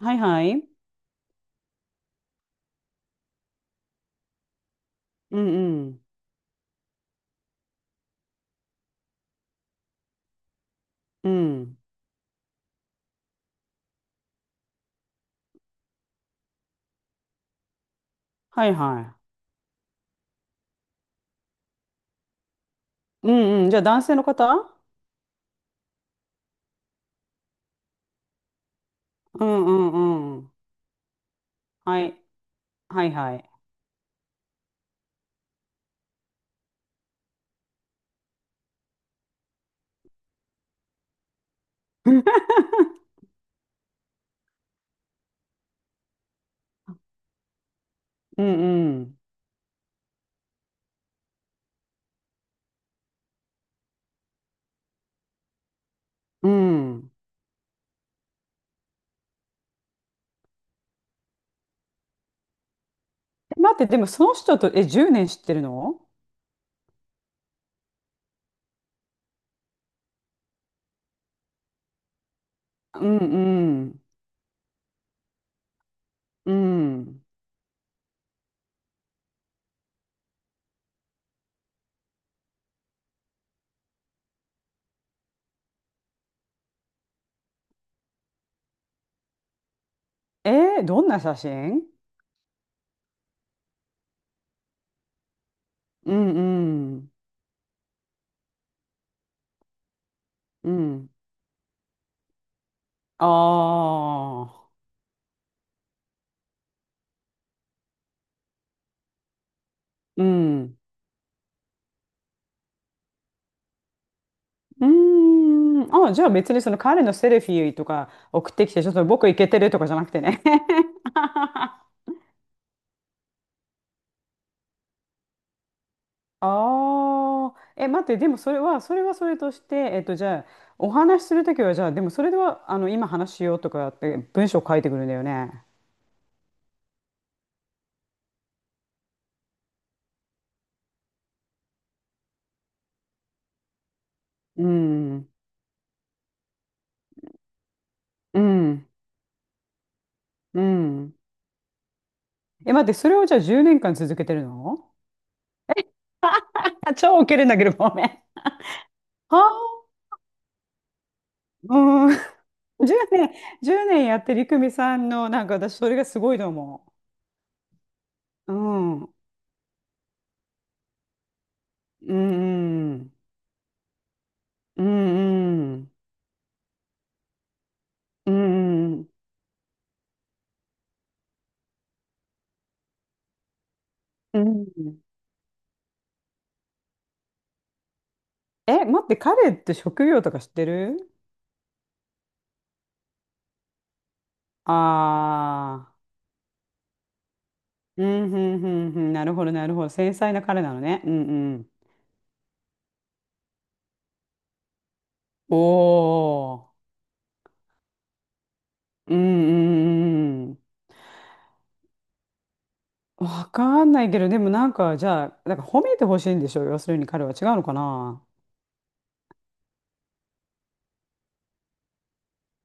はいはい。うんうん。うん。はいはい。うんうん。じゃあ男性の方。うんうんうん。はい。はいはい。うんうん。うん。待って、でもその人と、え、10年知ってるの？うんうん。うん。えー、どんな写真？うんうん。うん。ああ、うん。ー。うーん。あ、じゃあ別にその彼のセルフィーとか送ってきて、ちょっと僕イケてるとかじゃなくてね。ああ、え、待って、でもそれは、それはそれとして、じゃあ、お話しするときは、じゃあ、でもそれでは、今話しようとかって文章書いてくるんだよね。うん、うん、うん。え、待って、それをじゃあ10年間続けてるの？あ、超ウケるんだけど、ごめん。はあ、うん。10年、1年やってりくみさんの、なんか私、それがすごいと思う。うん。うん、うん、うん、うん、うん、うん。え、待って、彼って職業とか知ってる？ああー、うん、うん、うん、うん、なるほど、なるほど。繊細な彼なのね。うん、うん。おー、うん、うん、うん。うん、わかんないけど、でもなんか、じゃあ、なんか褒めてほしいんでしょ、要するに彼は。違うのかな？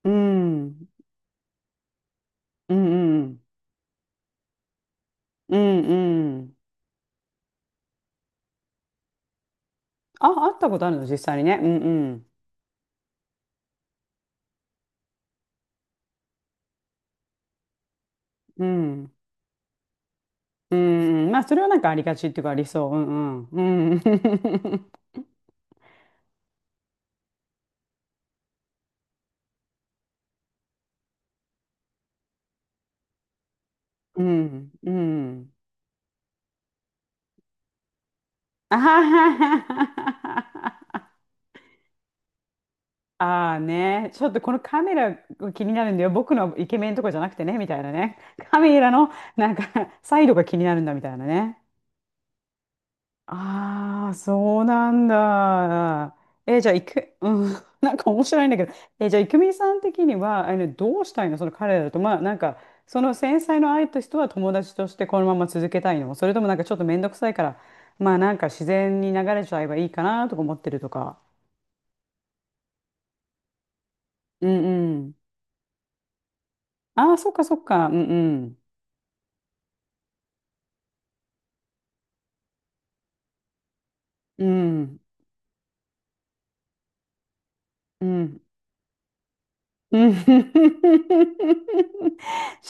うん、うん、うん、うん、うんうん。あ、会ったことあるの、実際にね。うん、うん、うん。うん、うん、まあ、それはなんかありがちっていうか、ありそう。うん、うん、うん、うん、うん。あははは。あーね、ちょっとこのカメラが気になるんだよ。僕のイケメンとかじゃなくてね、みたいなね。カメラのなんかサイドが気になるんだ、みたいなね。ああ、そうなんだ。え、じゃあ、いく、うん、なんか面白いんだけど、え、じゃあ、いくみさん的には、どうしたいの、その彼らと。まあ、なんか、その繊細の愛と人は友達としてこのまま続けたいの、それともなんかちょっと面倒くさいから、まあ、なんか自然に流れちゃえばいいかなとか思ってるとか。うん。ああ、そっかそっか。うんうん。うん。うん。じ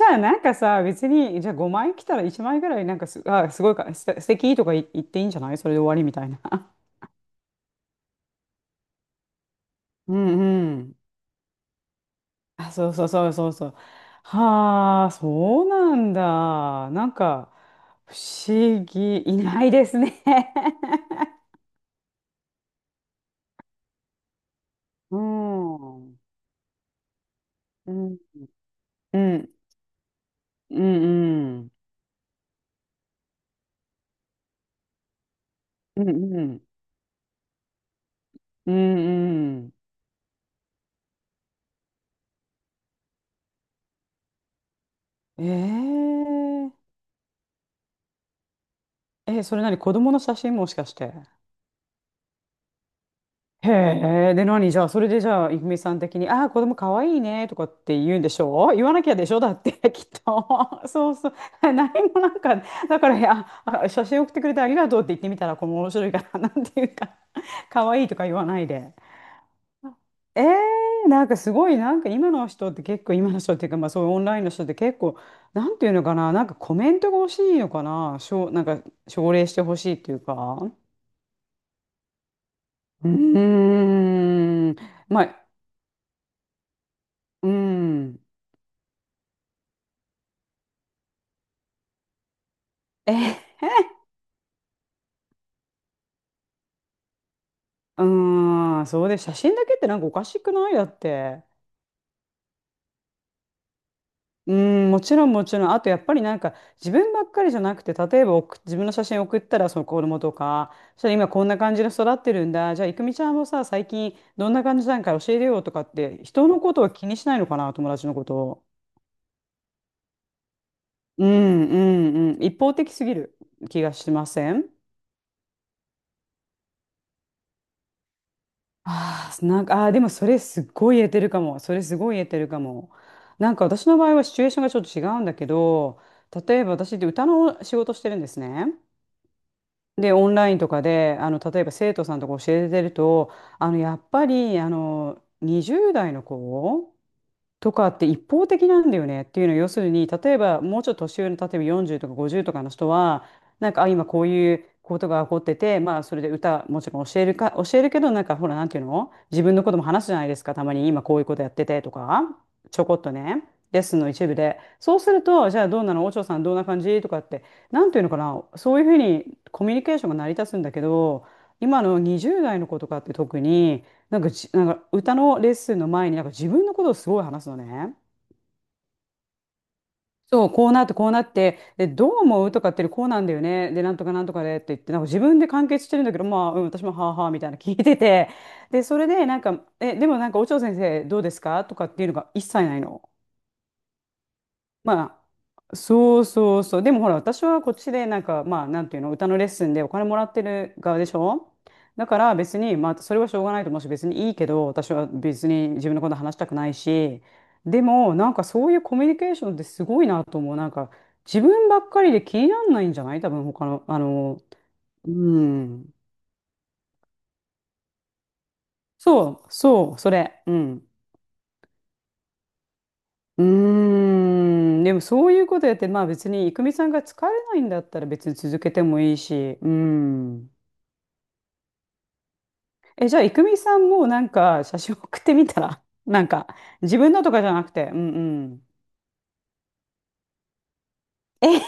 ゃあなんかさ、別に、じゃあ5枚来たら1枚ぐらいなんかす、あ、すごいか、す素敵とか言、言っていいんじゃない、それで終わりみたいな。うんうん。あ、そうそうそうそうそう。はあ、そうなんだ。なんか、不思議、いないですね。うん。うん。うん。うんうん。うんうん。うんうん。えー、え、それ何、子供の写真もしかして。へえ、で何じゃあ、それでじゃあ、いフみさん的に、ああ、子供かわいいねとかって言うんでしょう、言わなきゃでしょだって、きっと。そうそう。何もなんか、だから、あ、あ写真送ってくれてありがとうって言ってみたら、この面白いから、なんていうか、かわいいとか言わないで。えー、なんかすごい、なんか今の人って結構、今の人っていうか、まあそういうオンラインの人って結構、なんていうのかな、なんかコメントが欲しいのかな、しょう、なんか奨励してほしいっていうか。うーん。まあ、うーん。え、うーん。そうで、写真だけってなんかおかしくない、だって。うーん、もちろんもちろん。あとやっぱりなんか自分ばっかりじゃなくて、例えば送自分の写真送ったらその子供とか、そしたら今こんな感じで育ってるんだ。じゃあ、いくみちゃんもさ、最近どんな感じなんか教えるよとかって、人のことは気にしないのかな、友達のことを。うんうんうん。一方的すぎる気がしません？ああ、なんか、あーでもそれすっごい言えてるかも。それすごい言えてるかも。なんか私の場合はシチュエーションがちょっと違うんだけど、例えば私って歌の仕事してるんですね。で、オンラインとかで、例えば生徒さんとか教えてると、やっぱり、20代の子とかって一方的なんだよねっていうのは、要するに例えばもうちょっと年上の例えば40とか50とかの人はなんか、あ、今こういうことが起こってて、まあそれで歌もちろん教えるか、教えるけど、なんかほら、なんていうの、自分のことも話すじゃないですか、たまに。今こういうことやっててとか、ちょこっとね、レッスンの一部で。そうすると、じゃあどうなのお嬢さん、どんな感じとかって、なんていうのかな、そういうふうにコミュニケーションが成り立つんだけど、今の20代の子とかって特に。なんかじ、なんか歌のレッスンの前になんか自分のことをすごい話すのね。そう、こうなってこうなって、で、どう思うとかってこうなんだよね。で、なんとかなんとかでって言って、なんか自分で完結してるんだけど、まあ、うん、私もはあはあみたいな聞いてて、で、それでなんか、え、でもなんか、お嬢先生どうですかとかっていうのが一切ないの。まあ、そうそうそう。でもほら、私はこっちで、なんか、まあ、なんていうの、歌のレッスンでお金もらってる側でしょ。だから別に、まあ、それはしょうがないと思うし、別にいいけど、私は別に自分のこと話したくないし、でも、なんかそういうコミュニケーションってすごいなと思う。なんか、自分ばっかりで気にならないんじゃない多分、他の、うん。そう、そう、それ。うん。うーん、でもそういうことやって、まあ別に、いくみさんが疲れないんだったら別に続けてもいいし、うん。え、じゃあ、いくみさんもなんか写真送ってみたら、なんか、自分のとかじゃなくて、うんうん。え、え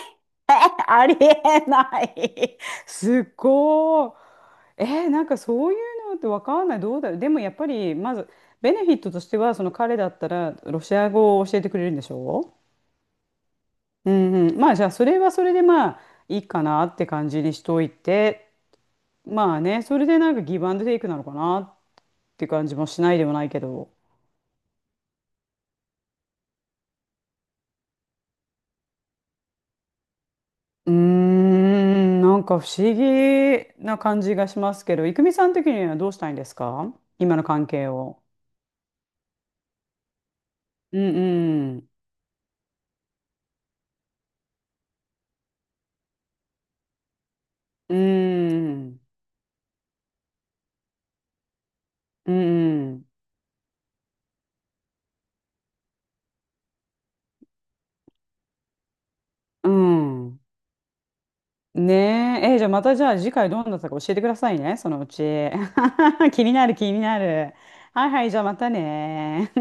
ありえない、すっごい。え、なんかそういうのってわかんない。どうだろう。でもやっぱり、まず、ベネフィットとしては、その彼だったら、ロシア語を教えてくれるんでしょ。うんうん、まあじゃあそれはそれでまあいいかなって感じにしといて、まあね、それでなんかギブアンドテイクなのかなって感じもしないでもないけど。うーん、なんか不思議な感じがしますけど、郁美さん的にはどうしたいんですか、今の関係を。うんうんうんうんうん。ねえ、え、じゃあまた、じゃあ次回どうなったか教えてくださいね、そのうち。 気になる気になる。はいはい、じゃあまたね。